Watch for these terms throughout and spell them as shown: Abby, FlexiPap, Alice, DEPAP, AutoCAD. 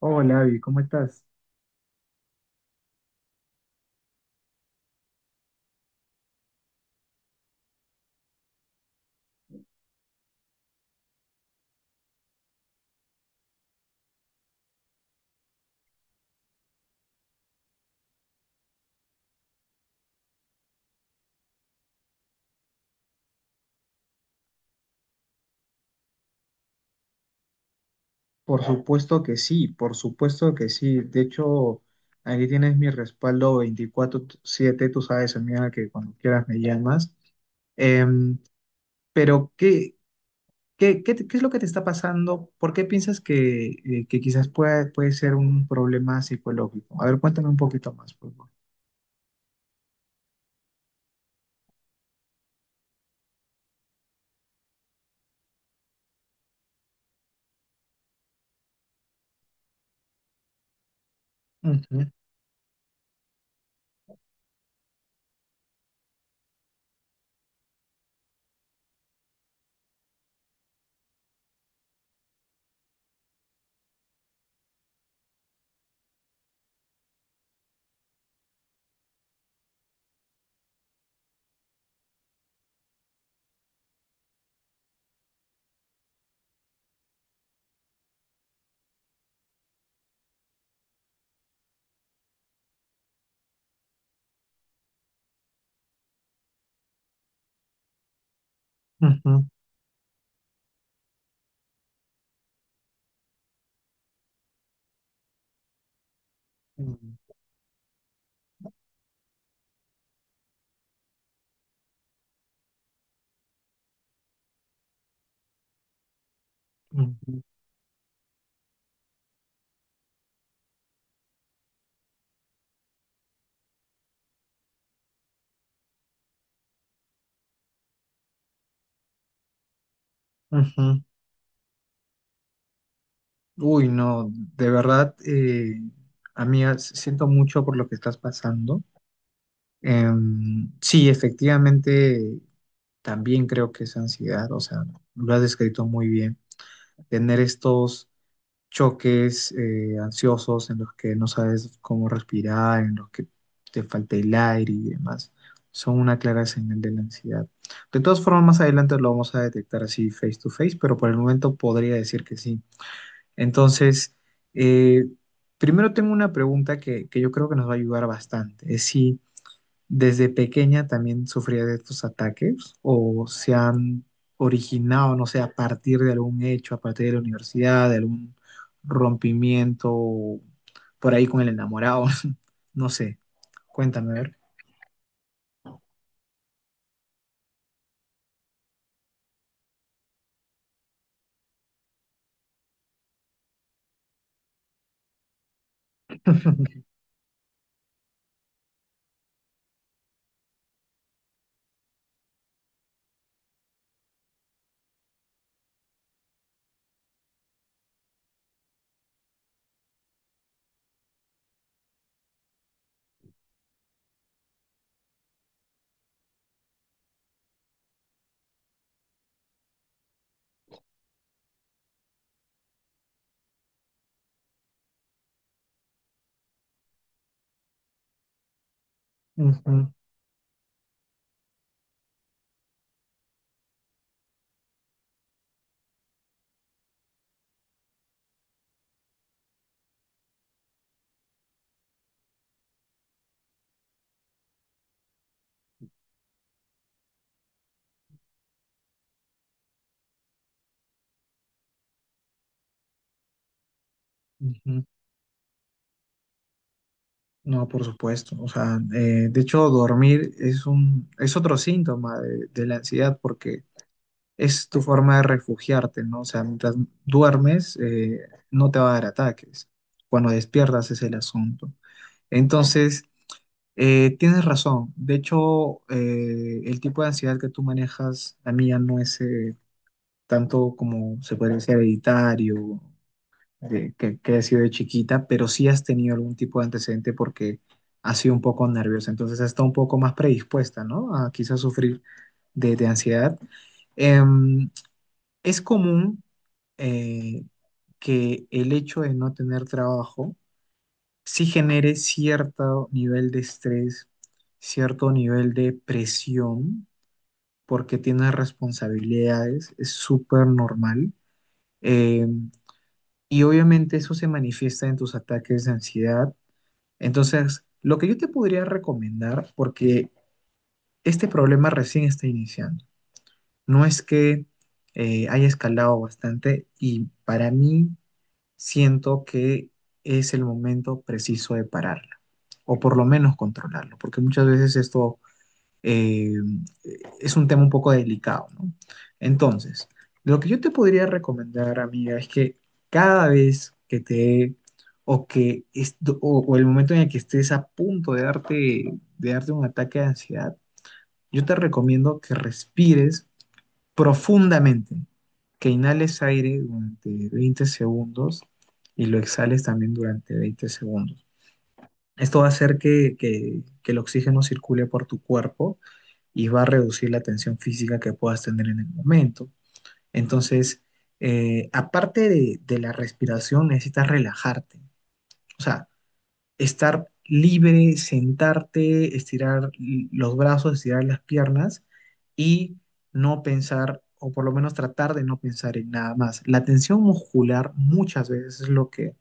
Hola, Abby, ¿cómo estás? Por supuesto que sí, por supuesto que sí. De hecho, aquí tienes mi respaldo 24/7, tú sabes, amiga, que cuando quieras me llamas. Em, pero, ¿ qué es lo que te está pasando? ¿Por qué piensas que puede ser un problema psicológico? A ver, cuéntame un poquito más, por favor. Ujú, ujú, mm, ujú, ujú. Uy, no, de verdad, amiga, siento mucho por lo que estás pasando. Sí, efectivamente, también creo que es ansiedad, o sea, lo has descrito muy bien. Tener estos choques ansiosos en los que no sabes cómo respirar, en los que te falta el aire y demás, son una clara señal de la ansiedad. De todas formas, más adelante lo vamos a detectar así face to face, pero por el momento podría decir que sí. Entonces, eh, primero tengo una pregunta que yo creo que nos va a ayudar bastante. Es si ¿desde pequeña también sufría de estos ataques o se han originado, no sé, a partir de algún hecho, a partir de la universidad, de algún rompimiento por ahí con el enamorado? No sé, cuéntame, a ver. Ujú, ujú. No, por supuesto. O sea, de hecho, dormir es un, es otro síntoma de la ansiedad porque es tu forma de refugiarte, ¿no? O sea, mientras duermes, no te va a dar ataques. Cuando despiertas es el asunto. Entonces, tienes razón. De hecho, el tipo de ansiedad que tú manejas, la mía no es tanto como se puede decir hereditario, que ha sido de chiquita, pero sí has tenido algún tipo de antecedente porque has sido un poco nerviosa. Entonces, has estado un poco más predispuesta, ¿no? A quizás sufrir de ansiedad. Em, es común eh, que el hecho de no tener trabajo sí genere cierto nivel de estrés, cierto nivel de presión, porque tienes responsabilidades, es súper normal. eh, y obviamente eso se manifiesta en tus ataques de ansiedad. Entonces, lo que yo te podría recomendar, porque este problema recién está iniciando, no es que haya escalado bastante, y para mí siento que es el momento preciso de pararla, o por lo menos controlarlo, porque muchas veces esto eh, es un tema un poco delicado, ¿no? Entonces, lo que yo te podría recomendar, amiga, es que cada vez que te o que est- o el momento en el que estés a punto de darte un ataque de ansiedad, yo te recomiendo que respires profundamente, que inhales aire durante 20 segundos y lo exhales también durante 20 segundos. Esto va a hacer que el oxígeno circule por tu cuerpo y va a reducir la tensión física que puedas tener en el momento. Entonces, aparte de la respiración, necesitas relajarte. O sea, estar libre, sentarte, estirar los brazos, estirar las piernas y no pensar, o por lo menos tratar de no pensar en nada más. La tensión muscular muchas veces es lo que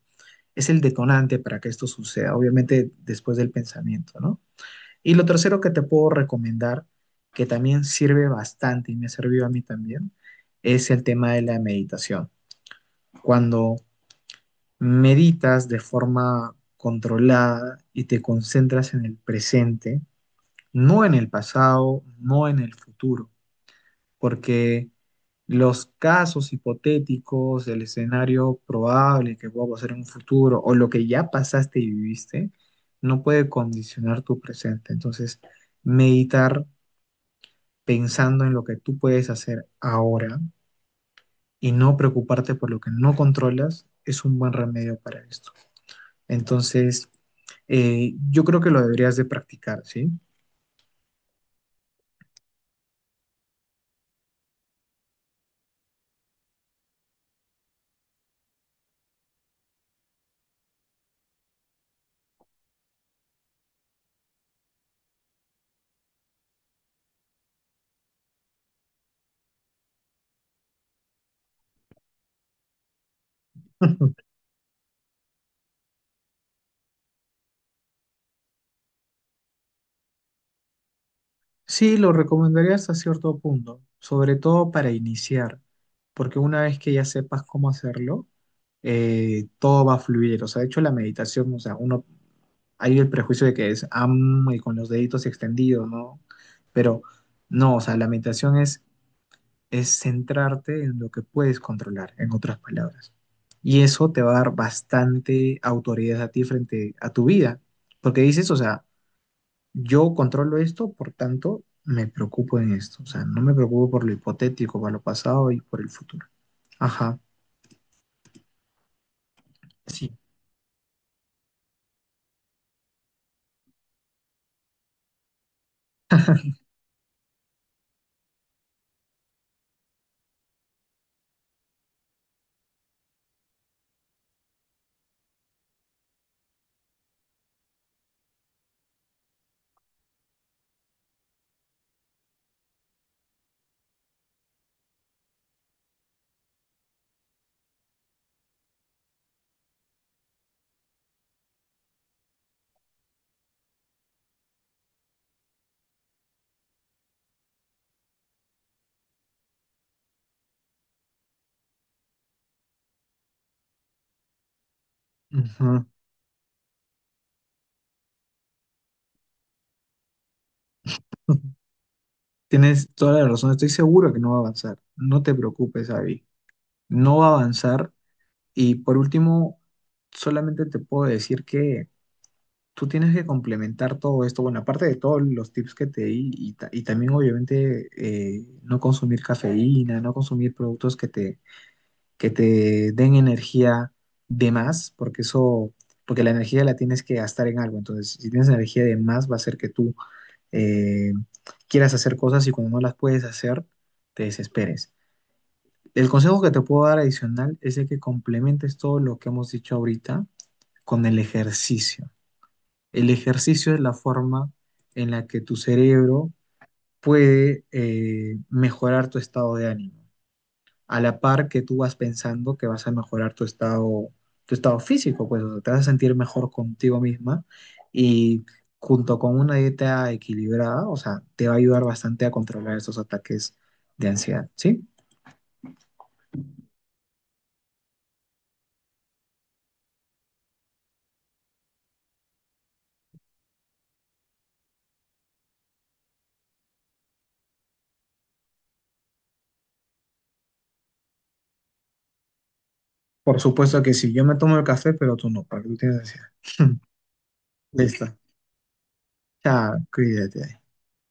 es el detonante para que esto suceda, obviamente después del pensamiento, ¿no? Y lo tercero que te puedo recomendar, que también sirve bastante y me ha servido a mí también, es el tema de la meditación. Cuando meditas de forma controlada y te concentras en el presente, no en el pasado, no en el futuro, porque los casos hipotéticos, el escenario probable que pueda pasar en un futuro o lo que ya pasaste y viviste, no puede condicionar tu presente. Entonces, meditar pensando en lo que tú puedes hacer ahora y no preocuparte por lo que no controlas es un buen remedio para esto. Entonces, yo creo que lo deberías de practicar, ¿sí? Sí, lo recomendaría hasta cierto punto, sobre todo para iniciar, porque una vez que ya sepas cómo hacerlo, todo va a fluir. O sea, de hecho la meditación, o sea, uno, hay el prejuicio de que es am y con los deditos extendidos, ¿no? Pero no, o sea, la meditación es centrarte en lo que puedes controlar, en otras palabras. Y eso te va a dar bastante autoridad a ti frente a tu vida, porque dices, o sea, yo controlo esto, por tanto, me preocupo en esto. O sea, no me preocupo por lo hipotético, por lo pasado y por el futuro. Ajá, sí. Ajá. Tienes toda la razón, estoy seguro que no va a avanzar. No te preocupes, Abby. No va a avanzar. Y por último, solamente te puedo decir que tú tienes que complementar todo esto. Bueno, aparte de todos los tips que te di, y, y también obviamente no consumir cafeína, no consumir productos que te den energía de más, porque eso, porque la energía la tienes que gastar en algo. Entonces, si tienes energía de más, va a ser que tú eh, quieras hacer cosas y cuando no las puedes hacer, te desesperes. El consejo que te puedo dar adicional es de que complementes todo lo que hemos dicho ahorita con el ejercicio. El ejercicio es la forma en la que tu cerebro puede mejorar tu estado de ánimo. A la par que tú vas pensando que vas a mejorar tu estado físico, pues o sea, te vas a sentir mejor contigo misma y junto con una dieta equilibrada, o sea, te va a ayudar bastante a controlar esos ataques de ansiedad, ¿sí? Por supuesto que sí, yo me tomo el café, pero tú no, porque tú tienes ansiedad. Listo. Chao, cuídate.